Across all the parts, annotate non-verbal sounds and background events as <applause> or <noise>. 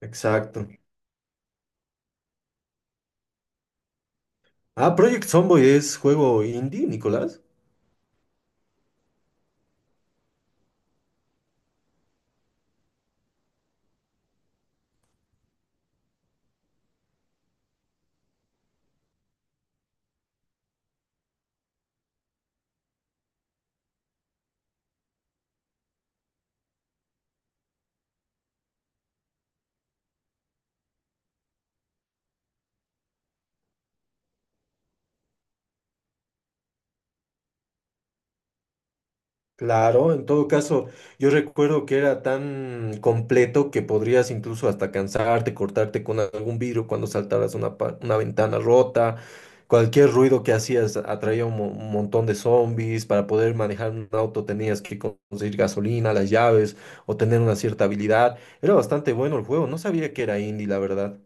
Exacto. Ah, Project Zomboid es juego indie, Nicolás. Claro, en todo caso, yo recuerdo que era tan completo que podrías incluso hasta cansarte, cortarte con algún vidrio cuando saltaras una, una ventana rota. Cualquier ruido que hacías atraía un, un montón de zombies. Para poder manejar un auto tenías que conseguir gasolina, las llaves o tener una cierta habilidad. Era bastante bueno el juego. No sabía que era indie, la verdad.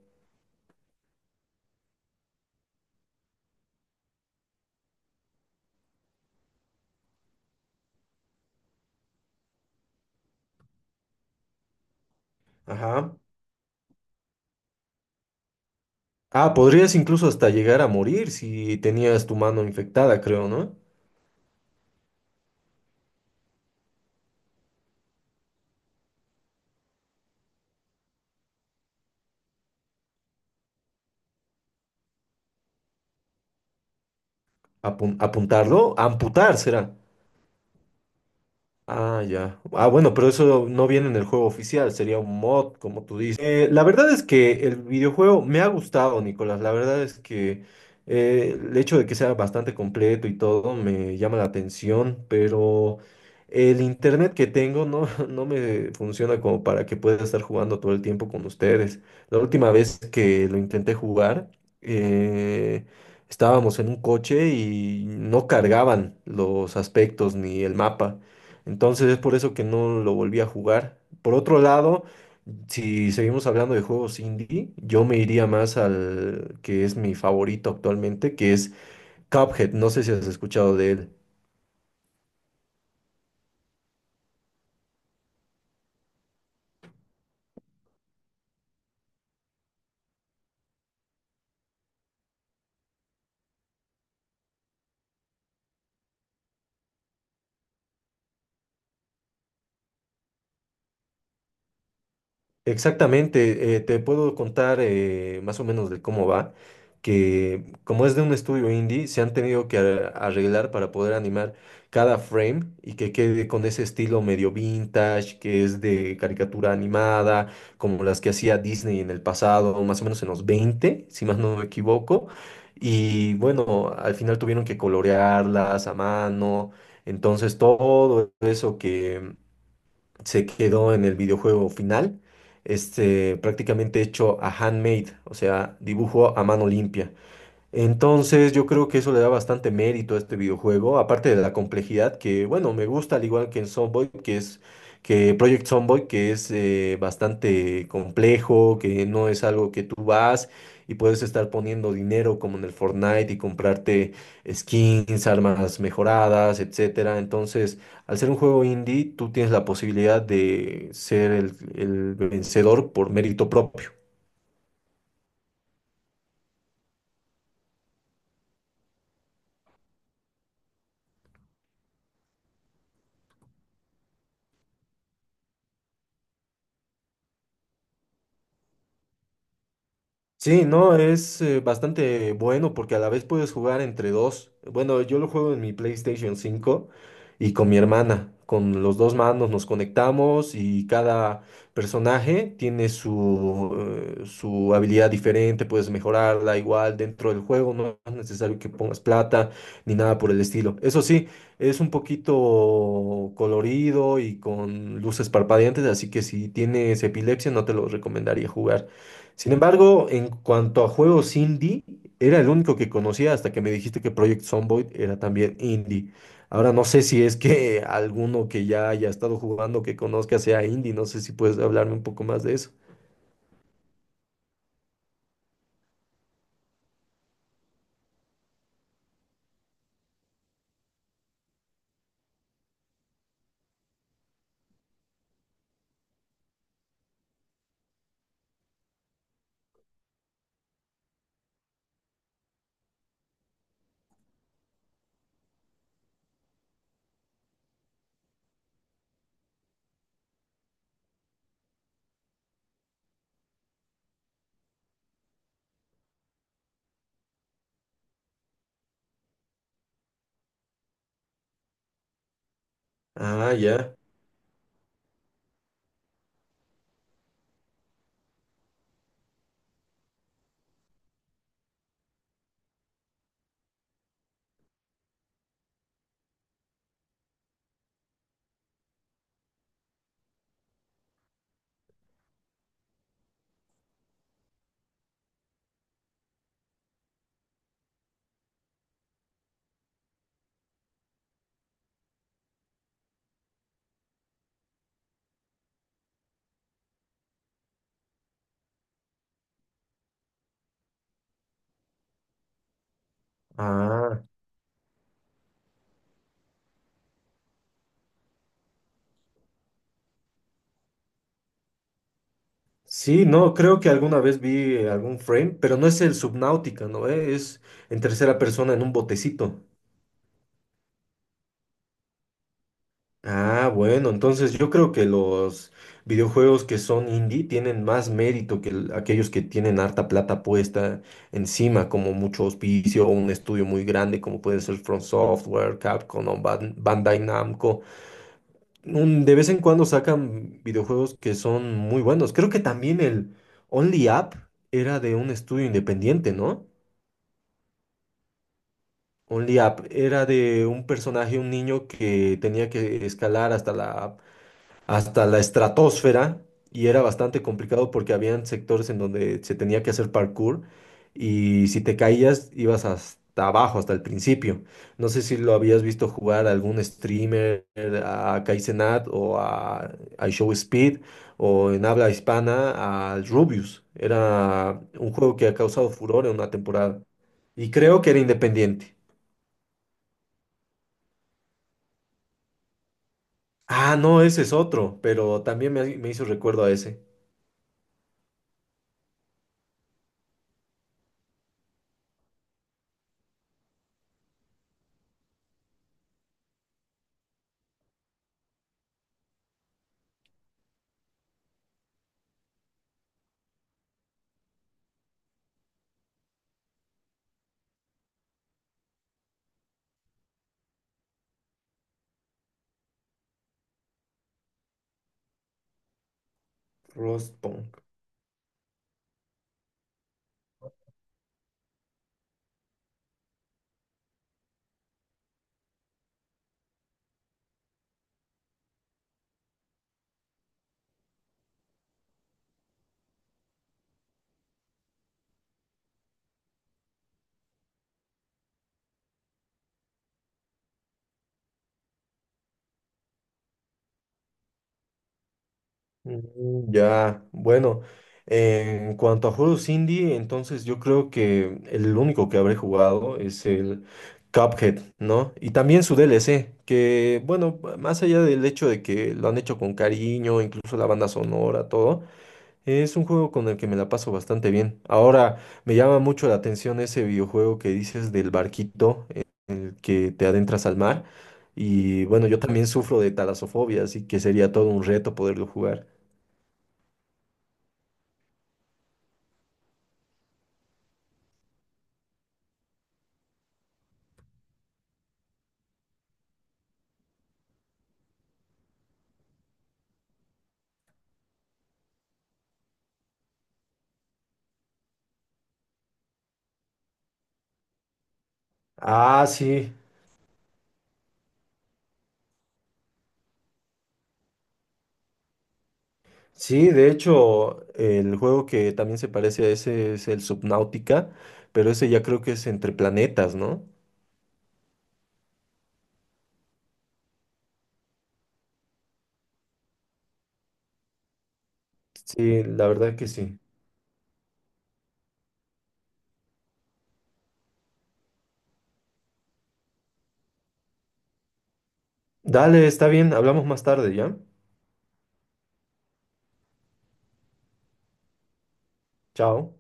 Ajá. Ah, podrías incluso hasta llegar a morir si tenías tu mano infectada, creo, ¿no? Apuntarlo, amputar será. Ah, ya. Ah, bueno, pero eso no viene en el juego oficial, sería un mod, como tú dices. La verdad es que el videojuego me ha gustado, Nicolás. La verdad es que el hecho de que sea bastante completo y todo me llama la atención, pero el internet que tengo no, <laughs> no me funciona como para que pueda estar jugando todo el tiempo con ustedes. La última vez que lo intenté jugar, eh, estábamos en un coche y no cargaban los aspectos ni el mapa. Entonces es por eso que no lo volví a jugar. Por otro lado, si seguimos hablando de juegos indie, yo me iría más al que es mi favorito actualmente, que es Cuphead. No sé si has escuchado de él. Exactamente, te puedo contar más o menos de cómo va, que como es de un estudio indie, se han tenido que arreglar para poder animar cada frame y que quede con ese estilo medio vintage, que es de caricatura animada, como las que hacía Disney en el pasado, más o menos en los 20, si más no me equivoco. Y bueno, al final tuvieron que colorearlas a mano, entonces todo eso se quedó en el videojuego final, este, prácticamente hecho a handmade, o sea, dibujo a mano limpia. Entonces yo creo que eso le da bastante mérito a este videojuego, aparte de la complejidad que, bueno, me gusta al igual que en Sunboy, que es que Project Sunboy, que es bastante complejo, que no es algo que tú vas y puedes estar poniendo dinero como en el Fortnite y comprarte skins, armas mejoradas, etcétera. Entonces, al ser un juego indie, tú tienes la posibilidad de ser el vencedor por mérito propio. Sí, no, es bastante bueno porque a la vez puedes jugar entre dos. Bueno, yo lo juego en mi PlayStation cinco y con mi hermana. Con los dos manos nos conectamos y cada personaje tiene su, su habilidad diferente, puedes mejorarla igual dentro del juego, no es necesario que pongas plata ni nada por el estilo. Eso sí, es un poquito colorido y con luces parpadeantes, así que si tienes epilepsia no te lo recomendaría jugar. Sin embargo, en cuanto a juegos indie, era el único que conocía hasta que me dijiste que Project Zomboid era también indie. Ahora no sé si es que <laughs> alguno que ya haya estado jugando que conozca sea indie, no sé si puedes hablarme un poco más de eso. Ah, ya. Ah, sí, no, creo que alguna vez vi algún frame, pero no es el Subnautica, ¿no? Es en tercera persona en un botecito. Ah, bueno, entonces yo creo que los videojuegos que son indie tienen más mérito que aquellos que tienen harta plata puesta encima, como mucho auspicio o un estudio muy grande, como pueden ser From Software, Capcom o Bandai Namco. De vez en cuando sacan videojuegos que son muy buenos. Creo que también el Only Up era de un estudio independiente, ¿no? Only Up era de un personaje, un niño que tenía que escalar hasta la estratosfera y era bastante complicado porque habían sectores en donde se tenía que hacer parkour y si te caías ibas hasta abajo, hasta el principio. No sé si lo habías visto jugar a algún streamer, a Kai Cenat o a Show Speed o en habla hispana al Rubius. Era un juego que ha causado furor en una temporada y creo que era independiente. Ah, no, ese es otro, pero también me hizo recuerdo a ese. Frostpunk. Mm, ya, bueno, en cuanto a juegos indie, entonces yo creo que el único que habré jugado es el Cuphead, ¿no? Y también su DLC, que bueno, más allá del hecho de que lo han hecho con cariño, incluso la banda sonora, todo, es un juego con el que me la paso bastante bien. Ahora, me llama mucho la atención ese videojuego que dices del barquito en el que te adentras al mar. Y bueno, yo también sufro de talasofobia, así que sería todo un reto poderlo jugar. Ah, sí, sí, de hecho, el juego que también se parece a ese es el Subnautica, pero ese ya creo que es entre planetas, ¿no? Sí, la verdad que sí. Dale, está bien, hablamos más tarde, ¿ya? Chao.